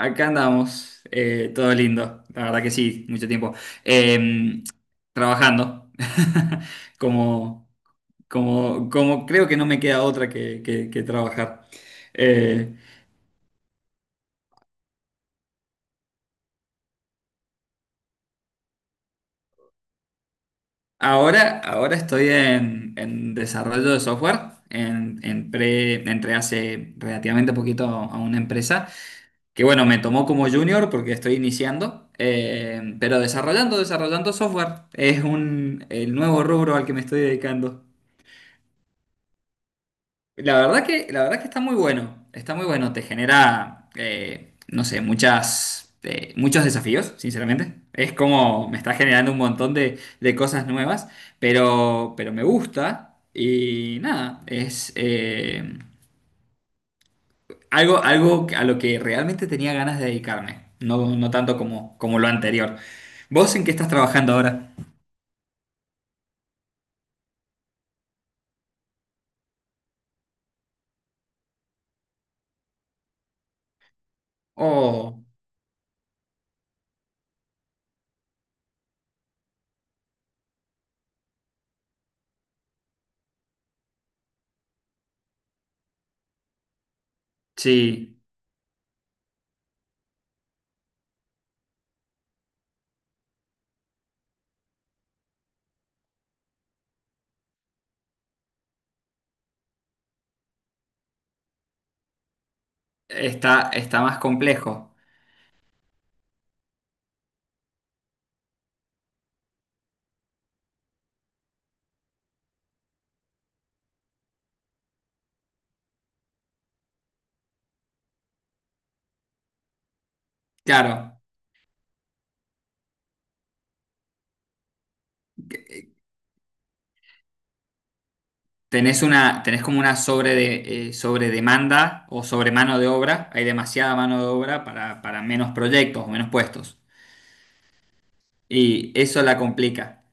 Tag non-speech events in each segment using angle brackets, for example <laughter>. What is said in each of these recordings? Acá andamos, todo lindo, la verdad que sí, mucho tiempo. Eh, trabajando, <laughs> como, como creo que no me queda otra que trabajar. Eh, ahora estoy en desarrollo de software, en, entré hace relativamente poquito a una empresa que bueno, me tomó como junior porque estoy iniciando, pero desarrollando software es el nuevo rubro al que me estoy dedicando. La verdad que está muy bueno, te genera, no sé, muchos desafíos, sinceramente. Es como me está generando un montón de cosas nuevas, pero me gusta y nada, es algo, algo a lo que realmente tenía ganas de dedicarme, no, no tanto como, como lo anterior. ¿Vos en qué estás trabajando ahora? Oh, sí, está más complejo. Claro. Tenés una, tenés como una sobredemanda o sobre mano de obra, hay demasiada mano de obra para menos proyectos o menos puestos. Y eso la complica.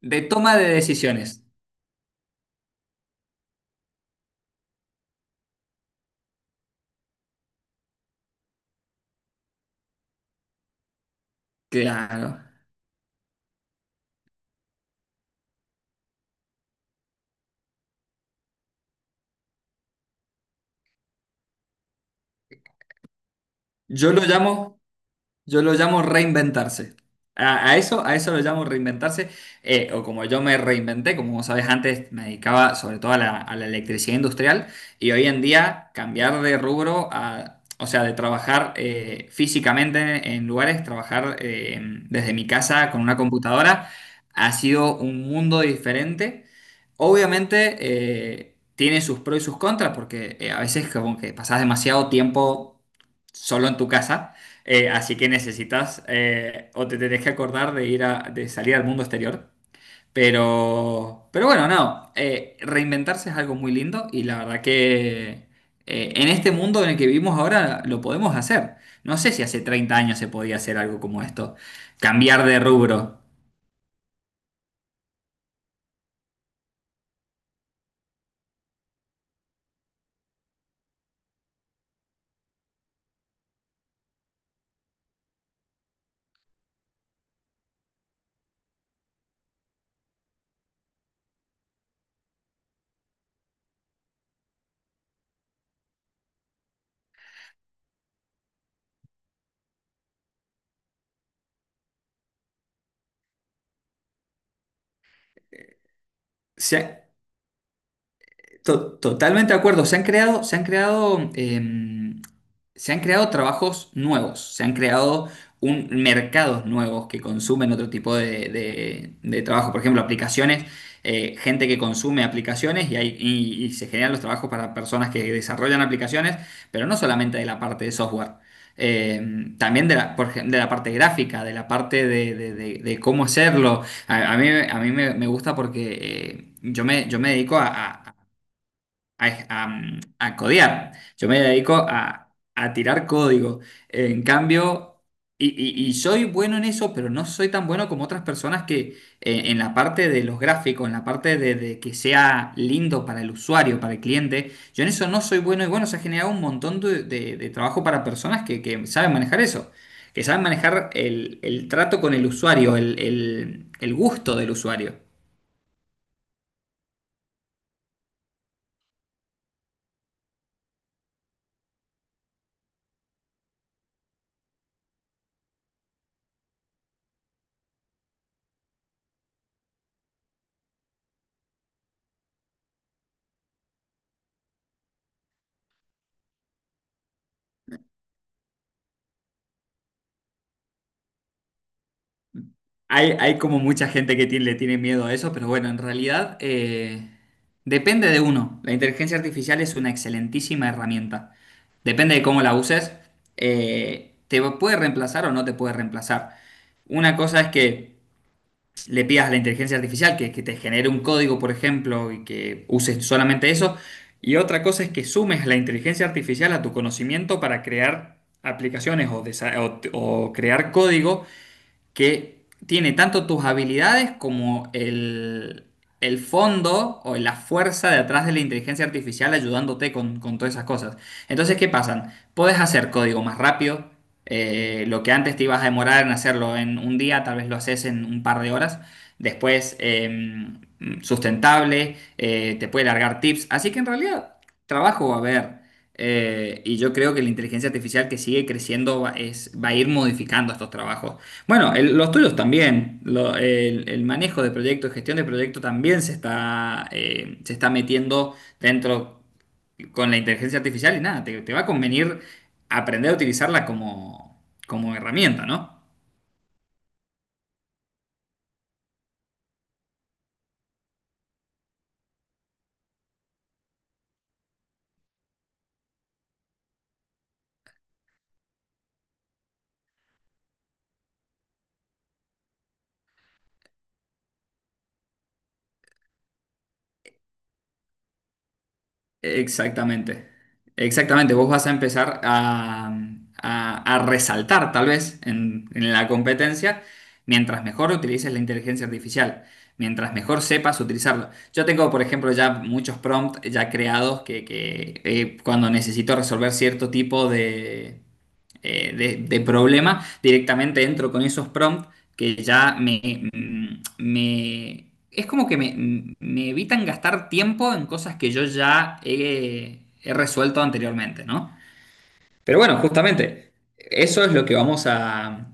De toma de decisiones, claro. Yo lo llamo Yo lo llamo reinventarse. A eso lo llamo reinventarse. O como yo me reinventé, como vos sabés, antes me dedicaba sobre todo a la electricidad industrial y hoy en día cambiar de rubro a, o sea, de trabajar físicamente en lugares, trabajar desde mi casa con una computadora, ha sido un mundo diferente. Obviamente tiene sus pros y sus contras porque a veces como que pasás demasiado tiempo solo en tu casa, así que necesitas o te tenés que acordar de ir a, de salir al mundo exterior. Pero bueno, no, reinventarse es algo muy lindo y la verdad que en este mundo en el que vivimos ahora lo podemos hacer. No sé si hace 30 años se podía hacer algo como esto, cambiar de rubro. Sí. Totalmente de acuerdo. Se han creado, se han creado trabajos nuevos, se han creado mercados nuevos que consumen otro tipo de trabajo. Por ejemplo, aplicaciones, gente que consume aplicaciones y, y se generan los trabajos para personas que desarrollan aplicaciones, pero no solamente de la parte de software. También de la, de la parte gráfica, de la parte de cómo hacerlo. A mí me gusta porque yo me dedico a- a, a codear. Yo me dedico a tirar código. En cambio, y, y soy bueno en eso, pero no soy tan bueno como otras personas que en la parte de los gráficos, en la parte de que sea lindo para el usuario, para el cliente, yo en eso no soy bueno. Y bueno, se ha generado un montón de trabajo para personas que saben manejar eso, que saben manejar el trato con el usuario, el gusto del usuario. Hay como mucha gente que le tiene miedo a eso, pero bueno, en realidad depende de uno. La inteligencia artificial es una excelentísima herramienta. Depende de cómo la uses, te puede reemplazar o no te puede reemplazar. Una cosa es que le pidas a la inteligencia artificial que te genere un código, por ejemplo, y que uses solamente eso. Y otra cosa es que sumes la inteligencia artificial a tu conocimiento para crear aplicaciones o crear código que tiene tanto tus habilidades como el fondo o la fuerza de atrás de la inteligencia artificial ayudándote con todas esas cosas. Entonces, ¿qué pasan? Puedes hacer código más rápido. Lo que antes te ibas a demorar en hacerlo en un día, tal vez lo haces en un par de horas. Después, sustentable, te puede largar tips. Así que en realidad, trabajo va a haber. Y yo creo que la inteligencia artificial que sigue creciendo va a ir modificando estos trabajos. Bueno, los tuyos también. El manejo de proyectos, gestión de proyectos también se está metiendo dentro con la inteligencia artificial y nada, te va a convenir aprender a utilizarla como, como herramienta, ¿no? Exactamente, exactamente. Vos vas a empezar a resaltar, tal vez, en la competencia, mientras mejor utilices la inteligencia artificial, mientras mejor sepas utilizarlo. Yo tengo, por ejemplo, ya muchos prompts ya creados cuando necesito resolver cierto tipo de, de problema, directamente entro con esos prompts que ya es como que me evitan gastar tiempo en cosas que yo ya he resuelto anteriormente, ¿no? Pero bueno, justamente, eso es lo que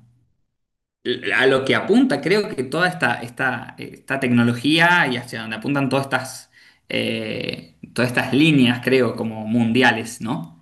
a lo que apunta, creo que toda esta tecnología y hacia donde apuntan todas estas líneas, creo, como mundiales, ¿no?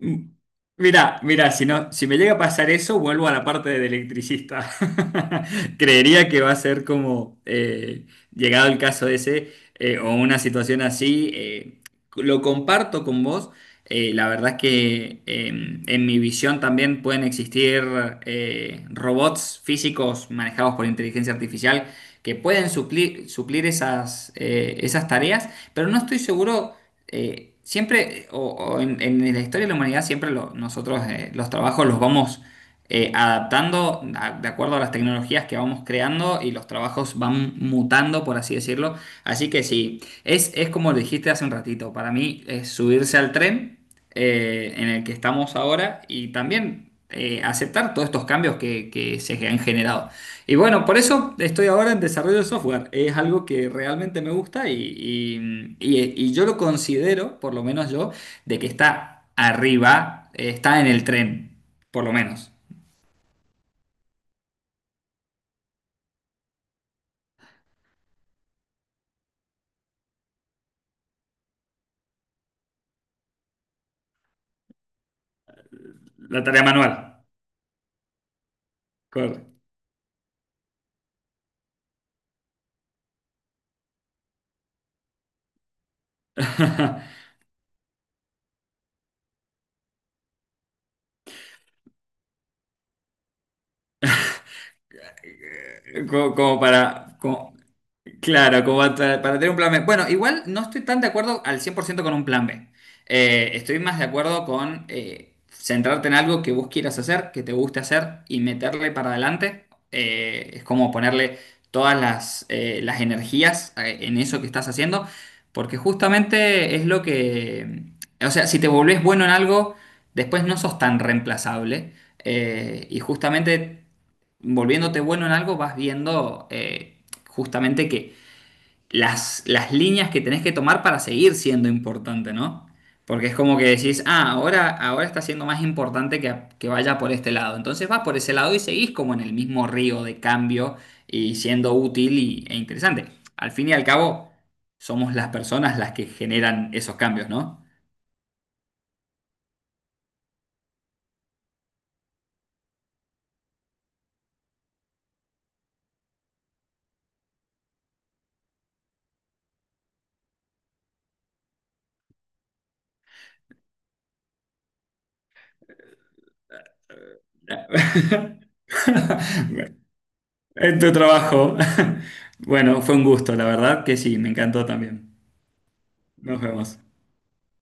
Mm. Mira, mira, si no, si me llega a pasar eso, vuelvo a la parte del electricista. <laughs> Creería que va a ser como, llegado el caso ese, o una situación así, lo comparto con vos. La verdad es que en mi visión también pueden existir robots físicos manejados por inteligencia artificial que pueden suplir esas, esas tareas, pero no estoy seguro. Siempre, o en la historia de la humanidad, siempre nosotros los trabajos los vamos adaptando de acuerdo a las tecnologías que vamos creando y los trabajos van mutando, por así decirlo. Así que sí, es como dijiste hace un ratito, para mí es subirse al tren en el que estamos ahora y también aceptar todos estos cambios que se han generado. Y bueno, por eso estoy ahora en desarrollo de software. Es algo que realmente me gusta y yo lo considero, por lo menos yo, de que está arriba, está en el tren, por lo menos. La tarea manual. Cor- <laughs> Como, para... Claro, como para tener un plan B. Bueno, igual no estoy tan de acuerdo al 100% con un plan B. Estoy más de acuerdo con centrarte en algo que vos quieras hacer, que te guste hacer y meterle para adelante. Es como ponerle todas las energías en eso que estás haciendo, porque justamente es lo que... O sea, si te volvés bueno en algo, después no sos tan reemplazable. Y justamente volviéndote bueno en algo, vas viendo... justamente que las líneas que tenés que tomar para seguir siendo importante, ¿no? Porque es como que decís, ah, ahora está siendo más importante que vaya por este lado. Entonces vas por ese lado y seguís como en el mismo río de cambio y siendo útil e interesante. Al fin y al cabo, somos las personas las que generan esos cambios, ¿no? <laughs> En tu trabajo. <laughs> Bueno, fue un gusto, la verdad que sí, me encantó también. Nos vemos.